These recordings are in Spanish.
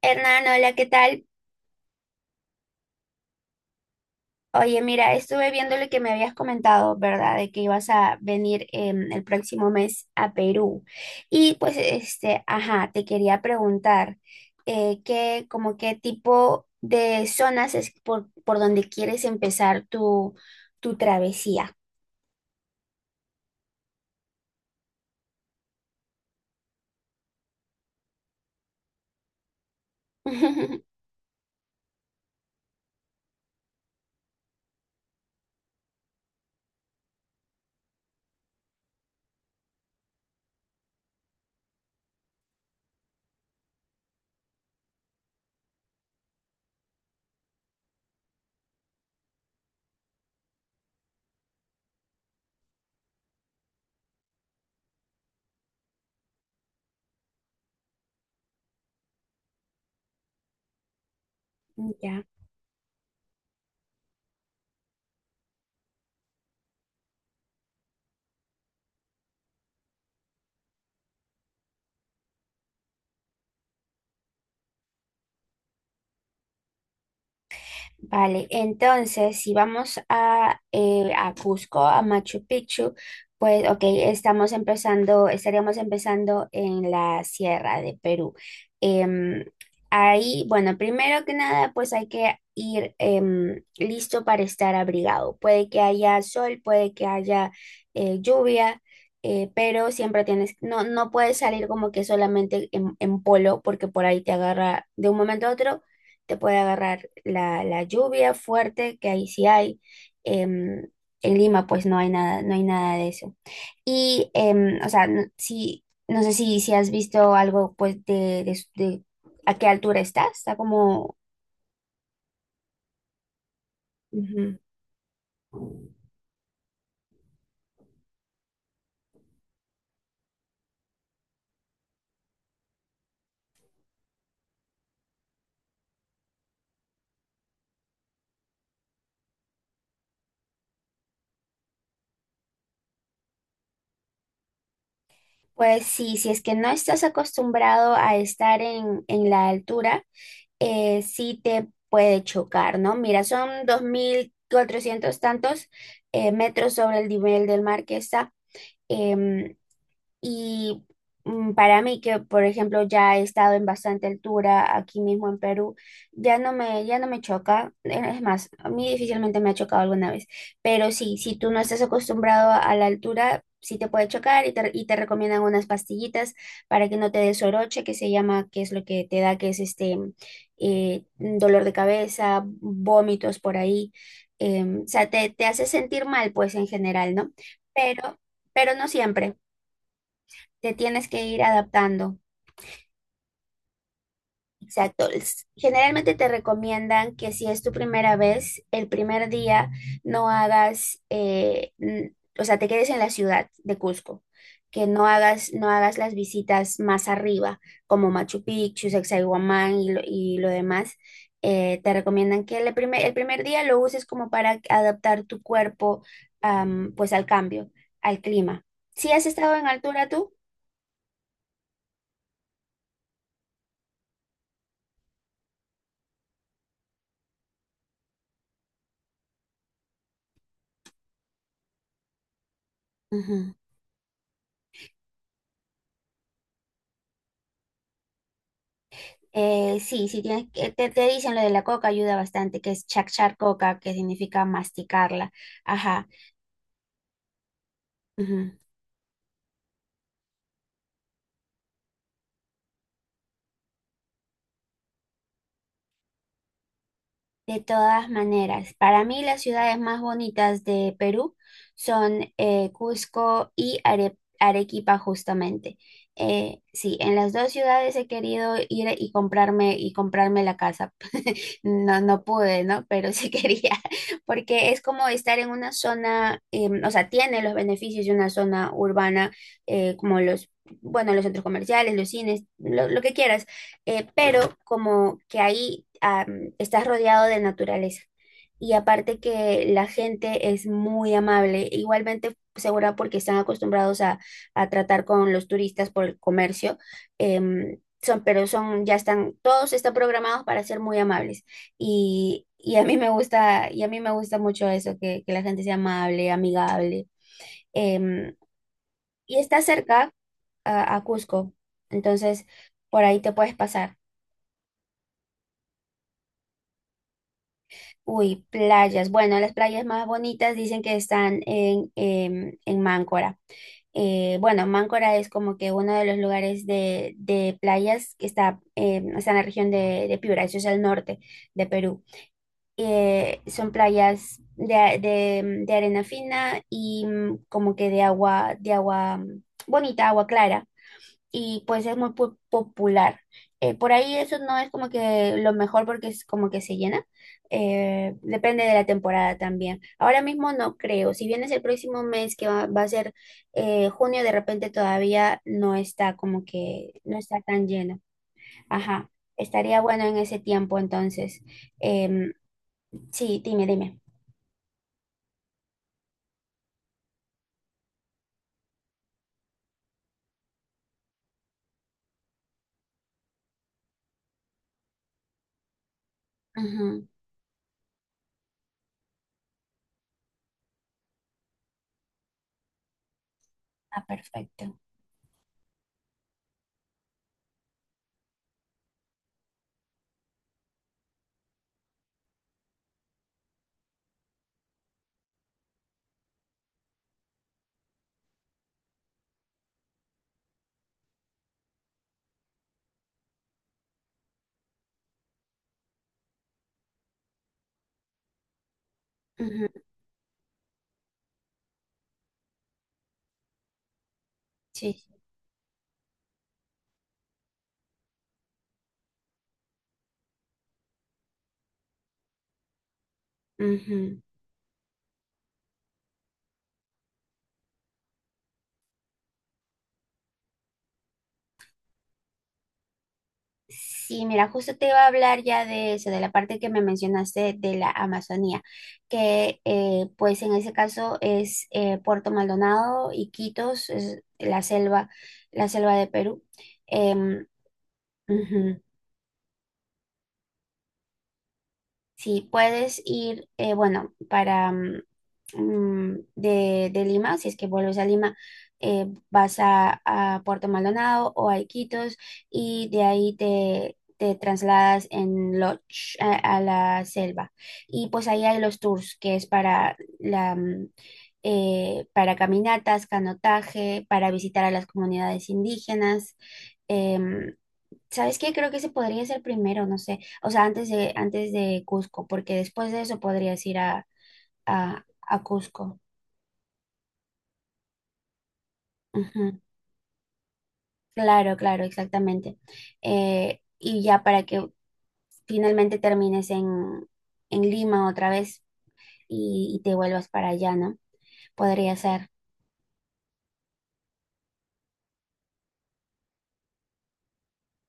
Hernán, hola, ¿qué tal? Oye, mira, estuve viendo lo que me habías comentado, ¿verdad? De que ibas a venir el próximo mes a Perú. Y pues, este, ajá, te quería preguntar, ¿como qué tipo de zonas es por donde quieres empezar tu travesía? Ya. Vale, entonces si vamos a Cusco, a Machu Picchu, pues ok, estaríamos empezando en la sierra de Perú. Em, ahí, bueno, primero que nada, pues hay que ir listo para estar abrigado. Puede que haya sol, puede que haya lluvia. Pero siempre tienes, no, no puedes salir como que solamente en polo, porque por ahí te agarra de un momento a otro te puede agarrar la lluvia fuerte, que ahí sí hay. em, en Lima pues no hay nada, no hay nada de eso. Y, o sea, no, si, no sé si has visto algo pues de a qué altura está como... ujú. Pues sí, si es que no estás acostumbrado a estar en la altura, sí te puede chocar, ¿no? Mira, son 2400 tantos metros sobre el nivel del mar que está. Em, Y para mí, que por ejemplo ya he estado en bastante altura aquí mismo en Perú, ya no me choca. Es más, a mí difícilmente me ha chocado alguna vez. Pero sí, si tú no estás acostumbrado a la altura, sí te puede chocar y te recomiendan unas pastillitas para que no te des soroche, que se llama, que es lo que te da, que es este dolor de cabeza, vómitos por ahí. O sea, te hace sentir mal, pues en general, ¿no? Pero, pero no siempre te tienes que ir adaptando. Exacto. Generalmente te recomiendan que si es tu primera vez, el primer día no hagas, n- o sea, te quedes en la ciudad de Cusco, que no hagas, no hagas las visitas más arriba, como Machu Picchu, Sacsayhuamán y lo demás. Te recomiendan que el primer día lo uses como para adaptar tu cuerpo, pues al cambio, al clima. ¿Si has estado en altura tú? Ujú. Sí, sí, te dicen lo de la coca ayuda bastante, que es chachar coca, que significa masticarla. Ajá. Ujú. De todas maneras, para mí las ciudades más bonitas de Perú son Cusco y Arequipa justamente. Sí, en las dos ciudades he querido ir y comprarme la casa. No, no pude, ¿no? Pero sí quería, porque es como estar en una zona, o sea, tiene los beneficios de una zona urbana, eh, como los, bueno, los centros comerciales, los cines, lo que quieras, pero como que ahí ah, estás rodeado de naturaleza. Y aparte que la gente es muy amable, igualmente segura porque están acostumbrados a tratar con los turistas por el comercio. Em, son, pero son, ya están, todos están programados para ser muy amables. Y a mí me gusta, y a mí me gusta mucho eso, que la gente sea amable, amigable. Em, y está cerca a Cusco, entonces por ahí te puedes pasar. Uy, playas. Bueno, las playas más bonitas dicen que están en Máncora. Bueno, Máncora es como que uno de los lugares de playas que está en la región de Piura, eso es el norte de Perú. Eh, son playas de arena fina y mm, como que de agua mm, bonita, agua clara, y pues es muy popular. Por ahí eso no es como que lo mejor porque es como que se llena. Depende de la temporada también. Ahora mismo no creo. Si vienes el próximo mes, que va a ser junio, de repente todavía no está como no está tan lleno. Ajá. Estaría bueno en ese tiempo entonces. Em, sí, dime, dime. Ujú. Ah, perfecto. Ujú. Sí, sí. Ujú. Sí, mira, justo te iba a hablar ya de eso, de la parte que me mencionaste de la Amazonía, que pues en ese caso es Puerto Maldonado, Iquitos, es la selva de Perú. Em, ujú. Sí, puedes ir, bueno, para mm, mm, de Lima, si es que vuelves a Lima, vas a Puerto Maldonado o a Iquitos y de ahí te trasladas en Lodge a la selva. Y pues ahí hay los tours, que es para caminatas, canotaje, para visitar a las comunidades indígenas. em, ¿Sabes qué? Creo que ese podría ser primero, no sé. O sea, antes de Cusco, porque después de eso podrías ir a Cusco. Ujú. Claro, claro, exactamente. Y ya para que finalmente termines en Lima otra vez y te vuelvas para allá, ¿no? Podría ser.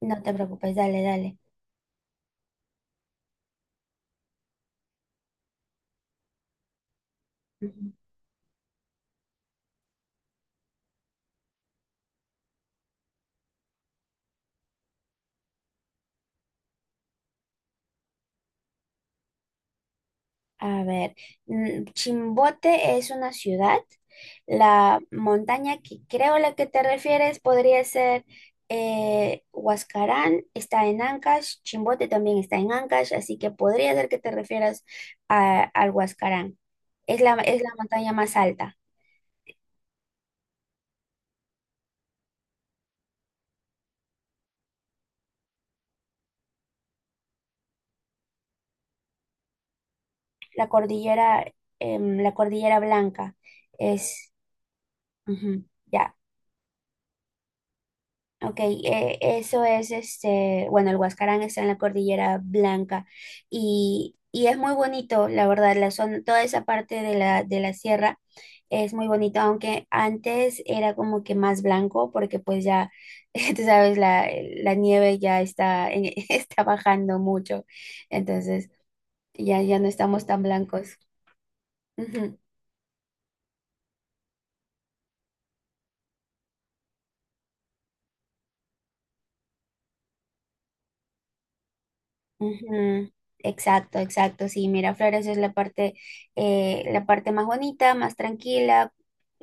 No te preocupes, dale, dale. Ujú. A ver, mm, Chimbote es una ciudad. La montaña que creo a la que te refieres podría ser Huascarán, está en Ancash, Chimbote también está en Ancash, así que podría ser que te refieras al Huascarán. Es la montaña más alta, la cordillera, la cordillera Blanca. Es, ujú, ya. Ok, eso es este, bueno, el Huascarán está en la Cordillera Blanca y es muy bonito, la verdad, la zona, toda esa parte de la sierra es muy bonito, aunque antes era como que más blanco porque pues ya, tú sabes, la nieve ya está bajando mucho, entonces ya, ya no estamos tan blancos. Ujú. Ujú. Exacto, exacto. Sí, Miraflores es la parte más bonita, más tranquila.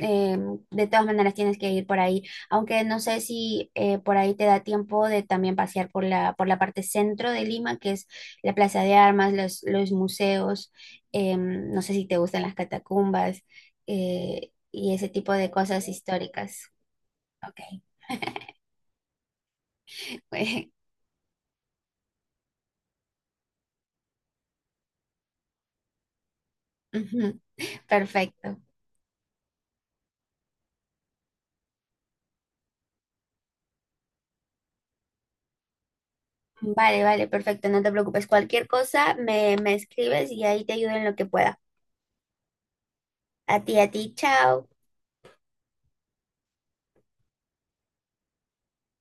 Eh, de todas maneras tienes que ir por ahí, aunque no sé si por ahí te da tiempo de también pasear por la parte centro de Lima, que es la Plaza de Armas, los museos, em, no sé si te gustan las catacumbas y ese tipo de cosas históricas. Ok. Ujú. Perfecto. Vale, vale, perfecto, no te preocupes. Cualquier cosa me escribes y ahí te ayudo en lo que pueda. A ti, chao.